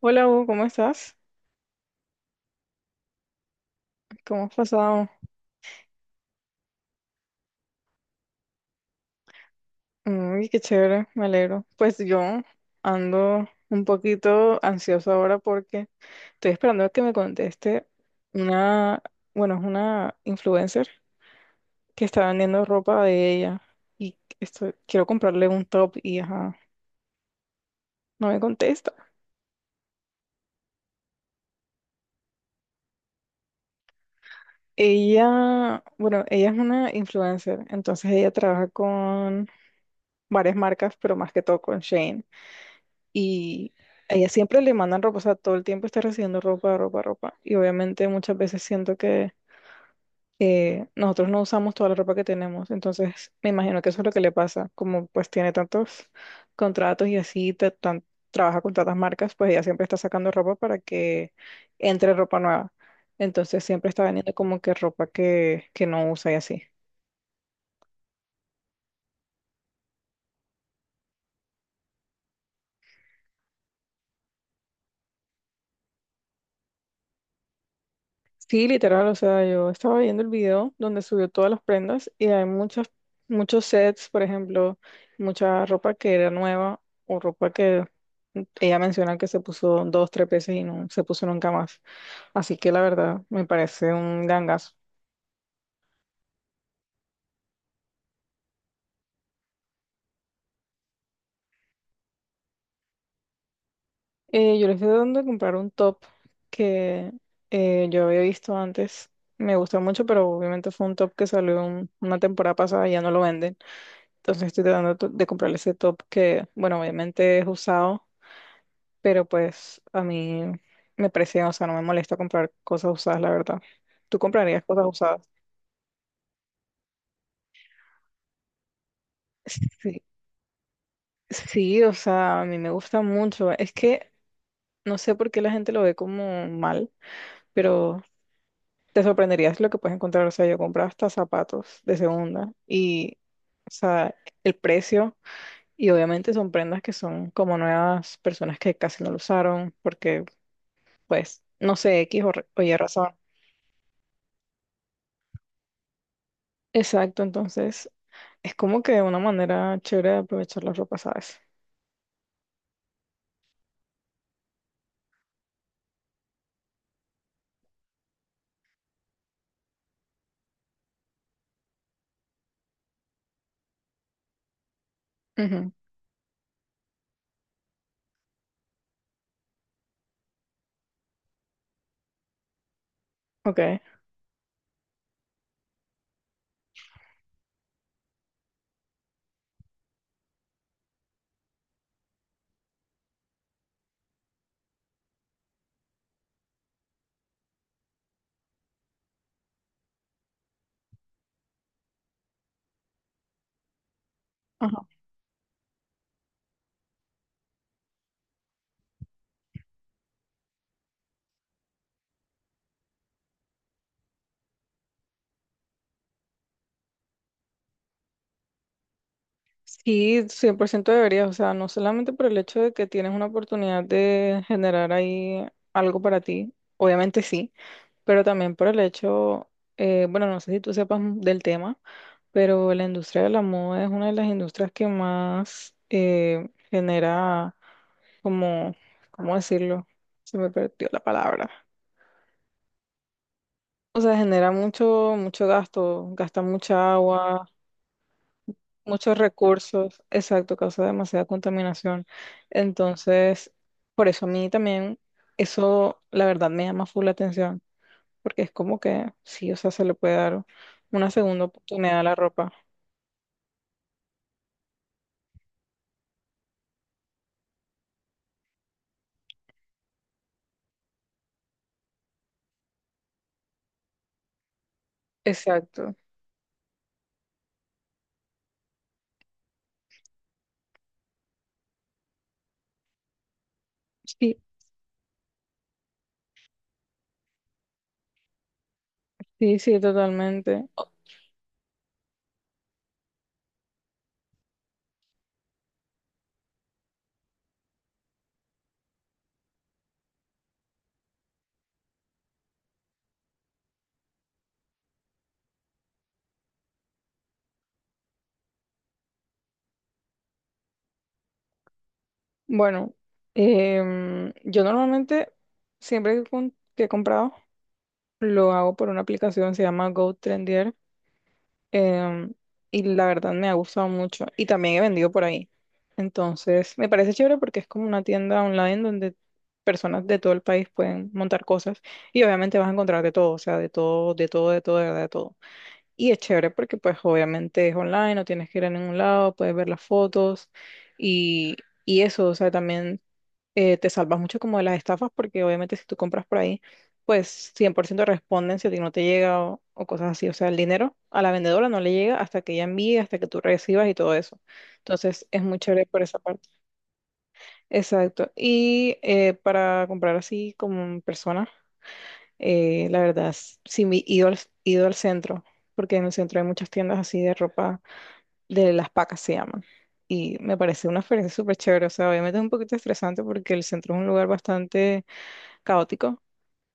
Hola Hugo, ¿cómo estás? ¿Cómo has pasado? Uy, qué chévere, me alegro. Pues yo ando un poquito ansioso ahora porque estoy esperando a que me conteste una, bueno, es una influencer que está vendiendo ropa de ella y esto quiero comprarle un top y ajá, no me contesta. Ella, bueno, ella es una influencer, entonces ella trabaja con varias marcas, pero más que todo con Shane. Y a ella siempre le mandan ropa, o sea, todo el tiempo está recibiendo ropa, ropa, ropa. Y obviamente muchas veces siento que nosotros no usamos toda la ropa que tenemos. Entonces, me imagino que eso es lo que le pasa. Como pues tiene tantos contratos y así, trabaja con tantas marcas, pues ella siempre está sacando ropa para que entre ropa nueva. Entonces, siempre está vendiendo como que ropa que no usa y así. Sí, literal, o sea, yo estaba viendo el video donde subió todas las prendas y hay muchas, muchos sets, por ejemplo, mucha ropa que era nueva o ropa que ella menciona que se puso dos, tres veces y no se puso nunca más. Así que la verdad, me parece un gangazo. Yo le estoy dando de comprar un top que yo había visto antes. Me gusta mucho, pero obviamente fue un top que salió una temporada pasada y ya no lo venden. Entonces estoy tratando de comprarle ese top que, bueno, obviamente es usado, pero pues a mí me parece, o sea, no me molesta comprar cosas usadas, la verdad. ¿Tú comprarías cosas usadas? Sí, sí, o sea, a mí me gusta mucho. Es que no sé por qué la gente lo ve como mal, pero te sorprenderías lo que puedes encontrar. O sea, yo compré hasta zapatos de segunda y, o sea, el precio, y obviamente son prendas que son como nuevas, personas que casi no lo usaron, porque pues, no sé, X o Y razón. Exacto, entonces es como que una manera chévere de aprovechar la ropa, ¿sabes? Ujú. Ok. Ajá. Sí, 100% deberías, o sea, no solamente por el hecho de que tienes una oportunidad de generar ahí algo para ti, obviamente sí, pero también por el hecho, bueno, no sé si tú sepas del tema, pero la industria de la moda es una de las industrias que más genera como, ¿cómo decirlo? Se me perdió la palabra. O sea, genera mucho, mucho gasto, gasta mucha agua, muchos recursos, exacto, causa demasiada contaminación. Entonces, por eso a mí también eso, la verdad, me llama full la atención, porque es como que sí, o sea, se le puede dar una segunda oportunidad a la ropa. Exacto. Sí, sí, sí, totalmente. Bueno, yo normalmente, siempre que he comprado, lo hago por una aplicación, se llama GoTrendier, em, y la verdad me ha gustado mucho y también he vendido por ahí. Entonces, me parece chévere porque es como una tienda online donde personas de todo el país pueden montar cosas y obviamente vas a encontrar de todo, o sea, de todo, de todo, de todo, de verdad, de todo. Y es chévere porque pues obviamente es online, no tienes que ir a ningún lado, puedes ver las fotos y, y eso, o sea, también te salvas mucho como de las estafas porque obviamente si tú compras por ahí, pues 100% responden si a ti no te llega o cosas así. O sea, el dinero a la vendedora no le llega hasta que ella envíe, hasta que tú recibas y todo eso. Entonces es muy chévere por esa parte. Exacto. Y para comprar así como en persona, la verdad, sí me he ido al centro, porque en el centro hay muchas tiendas así de ropa, de las pacas se llaman. Y me parece una experiencia súper chévere. O sea, obviamente es un poquito estresante porque el centro es un lugar bastante caótico,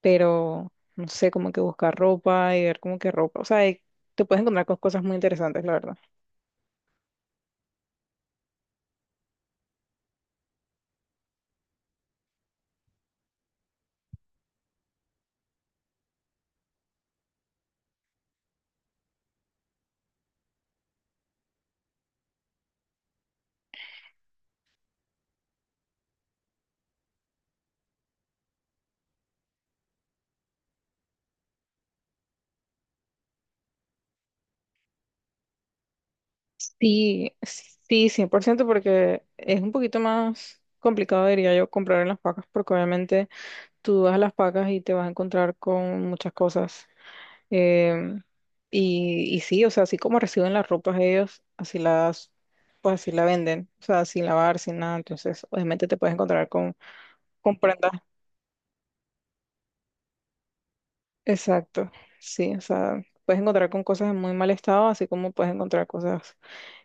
pero no sé, como que buscar ropa y ver como que ropa, o sea, y te puedes encontrar con cosas muy interesantes, la verdad. Sí, sí, 100%, porque es un poquito más complicado, diría yo, comprar en las pacas, porque obviamente tú vas a las pacas y te vas a encontrar con muchas cosas. Em, y sí, o sea, así como reciben las ropas ellos, así las, pues así la venden, o sea, sin lavar, sin nada, entonces obviamente te puedes encontrar con, comprendas exacto, sí, o sea, puedes encontrar con cosas en muy mal estado, así como puedes encontrar cosas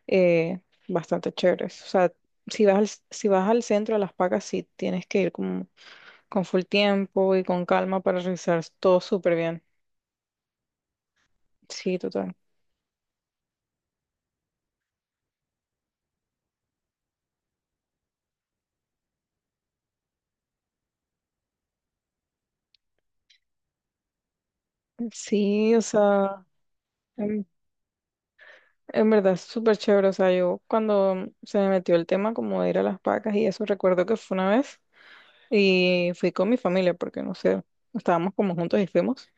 eh, bastante chéveres. O sea, si vas al centro de Las Pacas, sí tienes que ir con full tiempo y con calma para revisar todo súper bien. Sí, total. Sí, o sea, en, en verdad es súper chévere. O sea, yo cuando se me metió el tema como de ir a Las Pacas y eso, recuerdo que fue una vez. Y fui con mi familia porque no sé, estábamos como juntos y fuimos.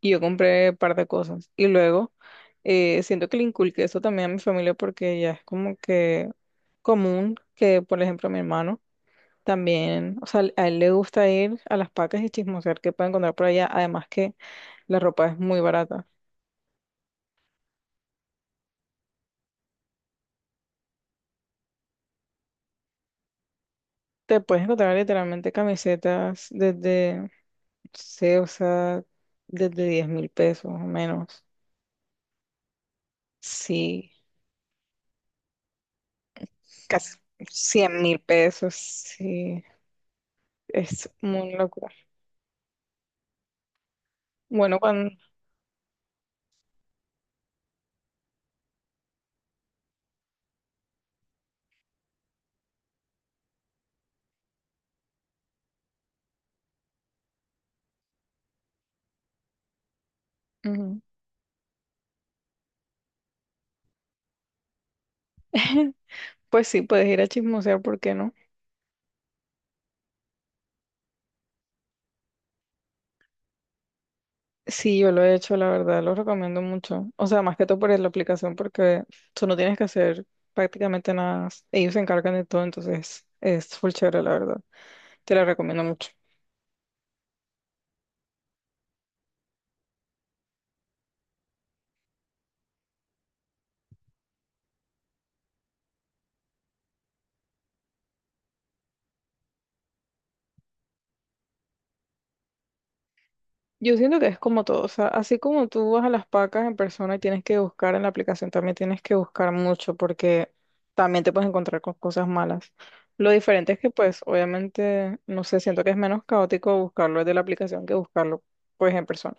Y yo compré un par de cosas. Y luego siento que le inculqué eso también a mi familia porque ya es como que común que, por ejemplo, mi hermano también, o sea, a él le gusta ir a las pacas y chismosear qué puede encontrar por allá. Además que la ropa es muy barata. Te puedes encontrar literalmente camisetas desde, no sé, o sea, desde 10.000 pesos o menos. Sí. Casi 100.000 pesos, sí, es muy locura. Bueno, cuando. Ujú. Pues sí, puedes ir a chismosear, ¿por qué no? Sí, yo lo he hecho, la verdad, lo recomiendo mucho. O sea, más que todo por la aplicación, porque tú no tienes que hacer prácticamente nada. Ellos se encargan de todo, entonces es full chévere, la verdad. Te la recomiendo mucho. Yo siento que es como todo, o sea, así como tú vas a las pacas en persona y tienes que buscar en la aplicación, también tienes que buscar mucho porque también te puedes encontrar con cosas malas. Lo diferente es que pues obviamente, no sé, siento que es menos caótico buscarlo desde la aplicación que buscarlo pues en persona.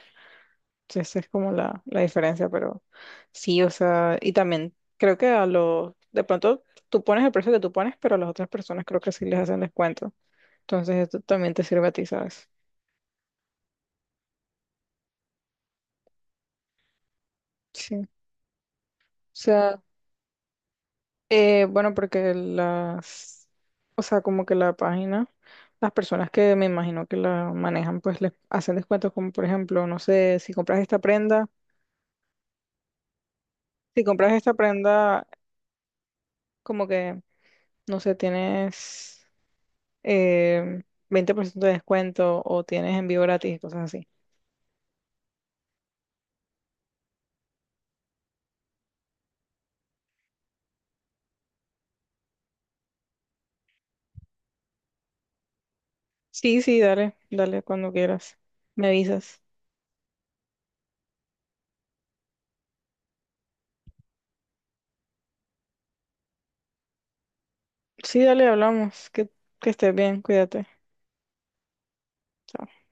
Entonces esa es como la diferencia, pero sí, o sea, y también creo que a los, de pronto tú pones el precio que tú pones, pero a las otras personas creo que sí les hacen descuento. Entonces esto también te sirve a ti, ¿sabes? Sí. O sea, bueno, porque las, o sea, como que la página, las personas que me imagino que la manejan, pues les hacen descuentos como, por ejemplo, no sé, si compras esta prenda, como que, no sé, tienes eh, 20% de descuento o tienes envío gratis y cosas así. Sí, sí, dale, dale cuando quieras. Me avisas. Sí, dale, hablamos. Que estés bien, cuídate. Chao.